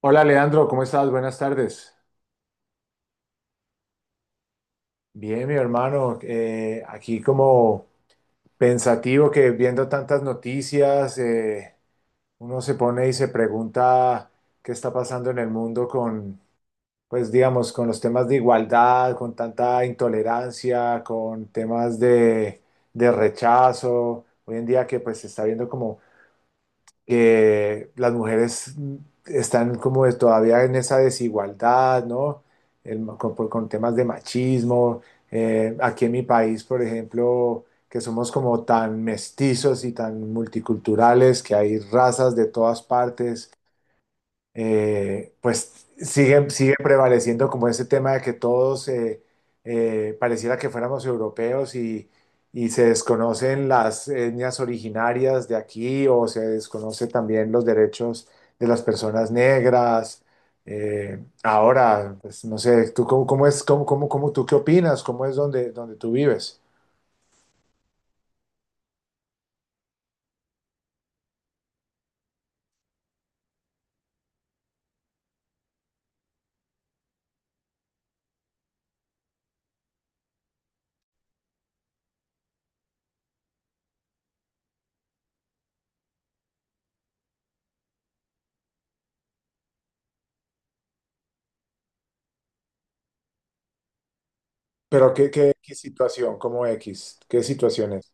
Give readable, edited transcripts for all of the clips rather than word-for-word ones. Hola Leandro, ¿cómo estás? Buenas tardes. Bien, mi hermano, aquí como pensativo que viendo tantas noticias, uno se pone y se pregunta qué está pasando en el mundo con, pues digamos, con los temas de igualdad, con tanta intolerancia, con temas de rechazo. Hoy en día que pues se está viendo como que las mujeres están como todavía en esa desigualdad, ¿no? Con temas de machismo. Aquí en mi país, por ejemplo, que somos como tan mestizos y tan multiculturales, que hay razas de todas partes pues sigue prevaleciendo como ese tema de que todos pareciera que fuéramos europeos y se desconocen las etnias originarias de aquí o se desconoce también los derechos de las personas negras. Ahora, pues no sé, ¿tú cómo tú qué opinas? ¿Cómo es donde tú vives? Pero qué situación? ¿Cómo X? ¿Qué situación es?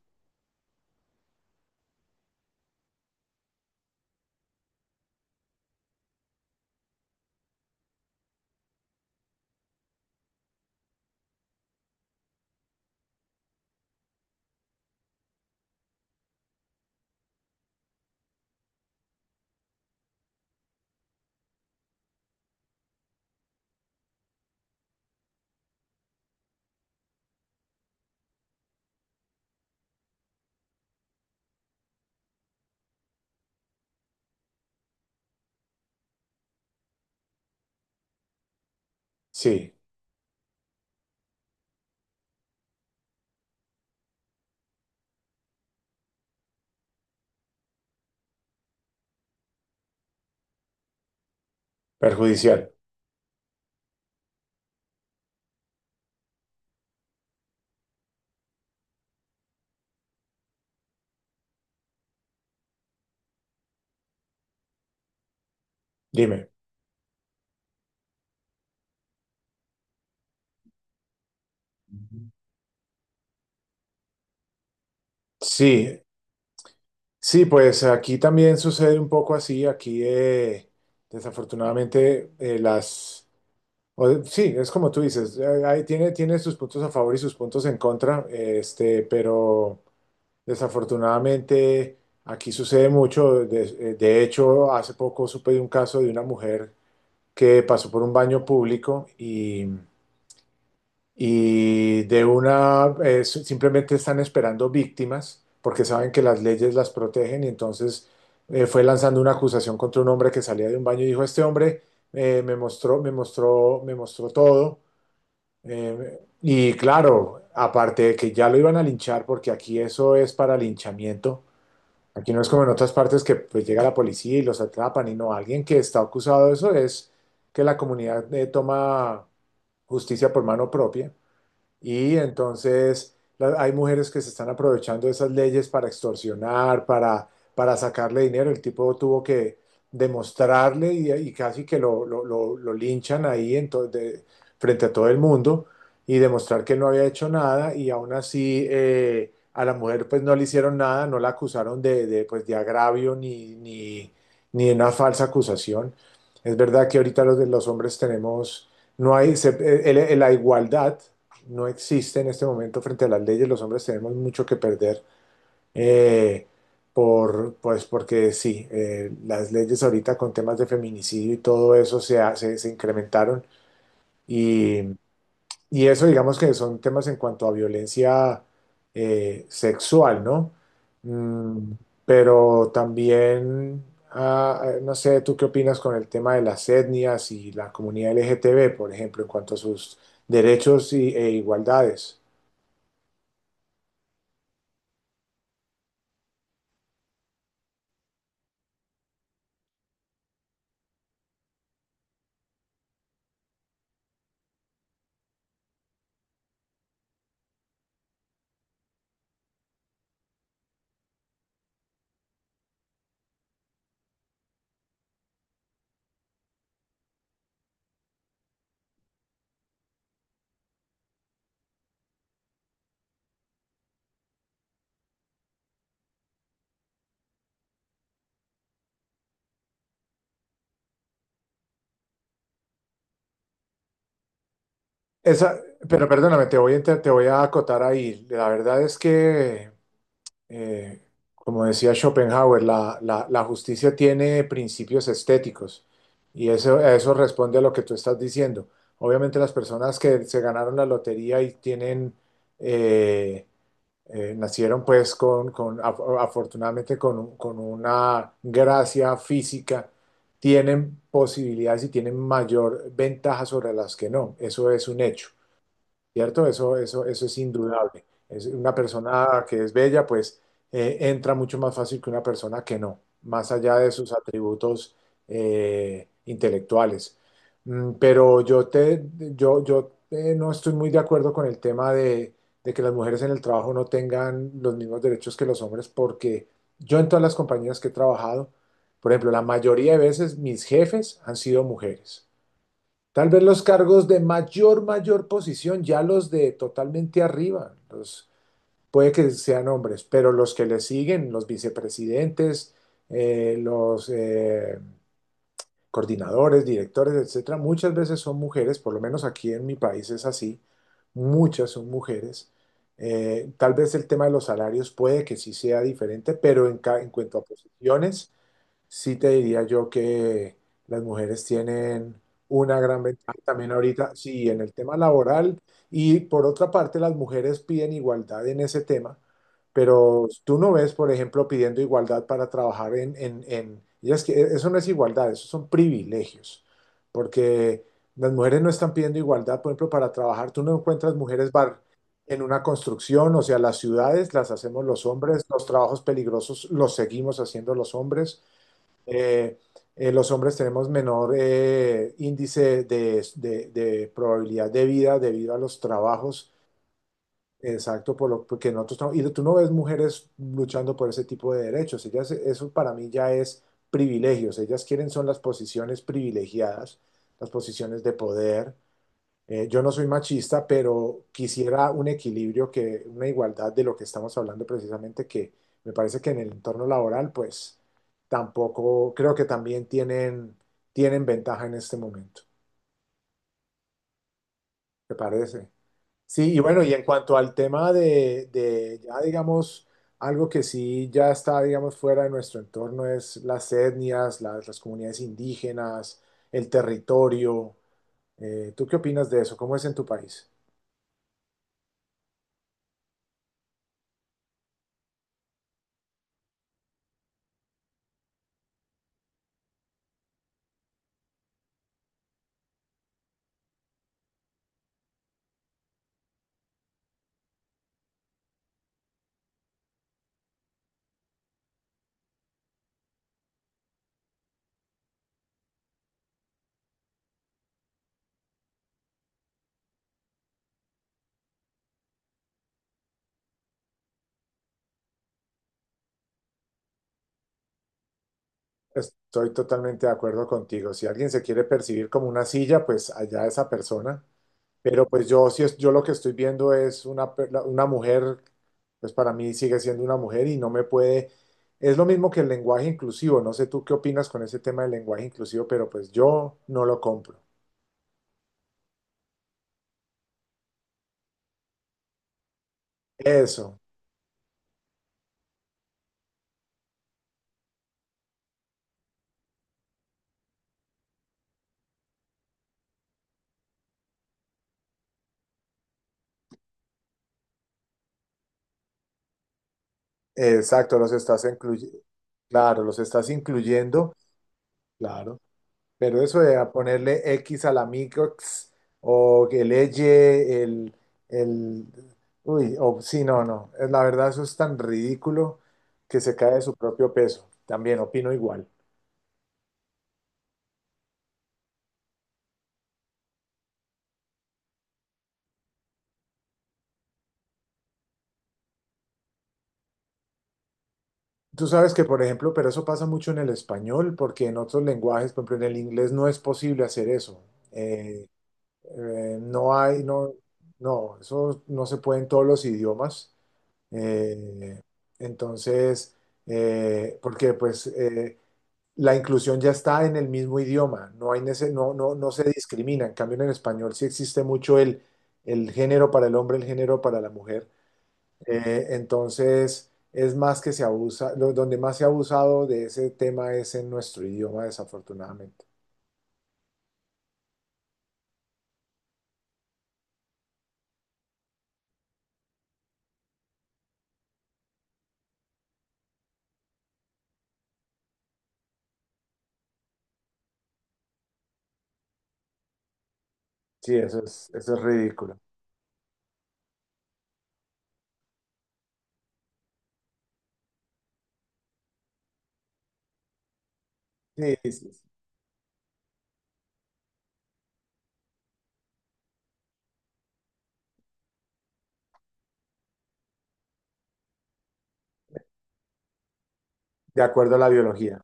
Sí, perjudicial. Dime. Sí, sí, pues aquí también sucede un poco así. Aquí, desafortunadamente, las... sí, es como tú dices, ahí tiene sus puntos a favor y sus puntos en contra, pero desafortunadamente aquí sucede mucho. De hecho, hace poco supe de un caso de una mujer que pasó por un baño público y de una simplemente están esperando víctimas porque saben que las leyes las protegen y entonces fue lanzando una acusación contra un hombre que salía de un baño y dijo, este hombre me mostró todo. Y claro, aparte de que ya lo iban a linchar porque aquí eso es para linchamiento. Aquí no es como en otras partes que pues, llega la policía y los atrapan y no, alguien que está acusado de eso es que la comunidad toma justicia por mano propia. Y entonces hay mujeres que se están aprovechando de esas leyes para extorsionar, para sacarle dinero. El tipo tuvo que demostrarle y casi que lo linchan ahí en frente a todo el mundo y demostrar que él no había hecho nada y aún así a la mujer pues no le hicieron nada, no la acusaron pues, de agravio ni de una falsa acusación. Es verdad que ahorita de los hombres tenemos, no hay, la igualdad no existe en este momento frente a las leyes. Los hombres tenemos mucho que perder eh, por, pues porque sí, las leyes ahorita con temas de feminicidio y todo eso se, se incrementaron y, y eso digamos que son temas en cuanto a violencia sexual, ¿no? Mm, pero también, no sé, ¿tú qué opinas con el tema de las etnias y la comunidad LGTB, por ejemplo, en cuanto a sus derechos e igualdades? Esa, pero perdóname, te voy a acotar ahí. La verdad es que, eh, como decía Schopenhauer, la justicia tiene principios estéticos y eso, a eso responde a lo que tú estás diciendo. Obviamente las personas que se ganaron la lotería y tienen, eh, nacieron pues con, afortunadamente con, con una gracia física, tienen posibilidades y tienen mayor ventaja sobre las que no. Eso es un hecho. ¿Cierto? Eso es indudable. Es una persona que es bella, pues entra mucho más fácil que una persona que no, más allá de sus atributos intelectuales. Mm, pero yo no estoy muy de acuerdo con el tema de que las mujeres en el trabajo no tengan los mismos derechos que los hombres, porque yo en todas las compañías que he trabajado, por ejemplo, la mayoría de veces mis jefes han sido mujeres. Tal vez los cargos de mayor posición, ya los de totalmente arriba, los, puede que sean hombres, pero los que le siguen, los vicepresidentes, los coordinadores, directores, etcétera, muchas veces son mujeres, por lo menos aquí en mi país es así, muchas son mujeres. Tal vez el tema de los salarios puede que sí sea diferente, pero en cuanto a posiciones, sí te diría yo que las mujeres tienen una gran ventaja también ahorita, sí, en el tema laboral y por otra parte las mujeres piden igualdad en ese tema, pero tú no ves, por ejemplo, pidiendo igualdad para trabajar ellas que eso no es igualdad, eso son privilegios, porque las mujeres no están pidiendo igualdad, por ejemplo, para trabajar, tú no encuentras mujeres bar en una construcción, o sea, las ciudades las hacemos los hombres, los trabajos peligrosos los seguimos haciendo los hombres. Eh, los hombres tenemos menor índice de, de probabilidad de vida debido a los trabajos, exacto, por lo porque nosotros y tú no ves mujeres luchando por ese tipo de derechos, ellas, eso para mí ya es privilegios, ellas quieren son las posiciones privilegiadas, las posiciones de poder, yo no soy machista, pero quisiera un equilibrio, que, una igualdad de lo que estamos hablando precisamente, que me parece que en el entorno laboral, pues tampoco, creo que también tienen, tienen ventaja en este momento, ¿te parece? Sí, y bueno, y en cuanto al tema de ya digamos, algo que sí ya está, digamos, fuera de nuestro entorno es las etnias, las comunidades indígenas, el territorio. ¿Tú qué opinas de eso? ¿Cómo es en tu país? Estoy totalmente de acuerdo contigo. Si alguien se quiere percibir como una silla, pues allá esa persona. Pero pues yo sí es, yo lo que estoy viendo es una, una mujer, pues para mí sigue siendo una mujer y no me puede. Es lo mismo que el lenguaje inclusivo. No sé tú qué opinas con ese tema del lenguaje inclusivo, pero pues yo no lo compro. Eso, exacto, los estás incluyendo. Claro, los estás incluyendo. Claro. Pero eso de a ponerle X a la microx o que leye el uy, o sí, no, no. Es la verdad, eso es tan ridículo que se cae de su propio peso. También opino igual. Tú sabes que, por ejemplo, pero eso pasa mucho en el español, porque en otros lenguajes, por ejemplo, en el inglés no es posible hacer eso. Eh, no hay, no, no, eso no se puede en todos los idiomas. Eh, entonces, porque pues la inclusión ya está en el mismo idioma, no hay no, no, no se discrimina. En cambio, en el español sí existe mucho el género para el hombre, el género para la mujer. Entonces, es más que se abusa, donde más se ha abusado de ese tema es en nuestro idioma, desafortunadamente. Sí, eso es ridículo. Sí, sí, sí, de acuerdo a la biología.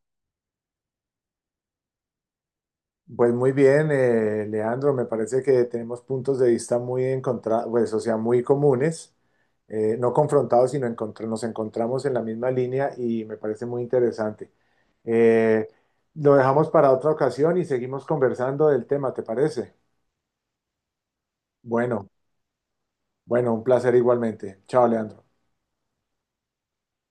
Pues muy bien, Leandro, me parece que tenemos puntos de vista muy encontrados, pues, o sea, muy comunes, no confrontados, sino nos encontramos en la misma línea y me parece muy interesante. Eh, lo dejamos para otra ocasión y seguimos conversando del tema, ¿te parece? Bueno, bueno, un placer igualmente. Chao, Leandro.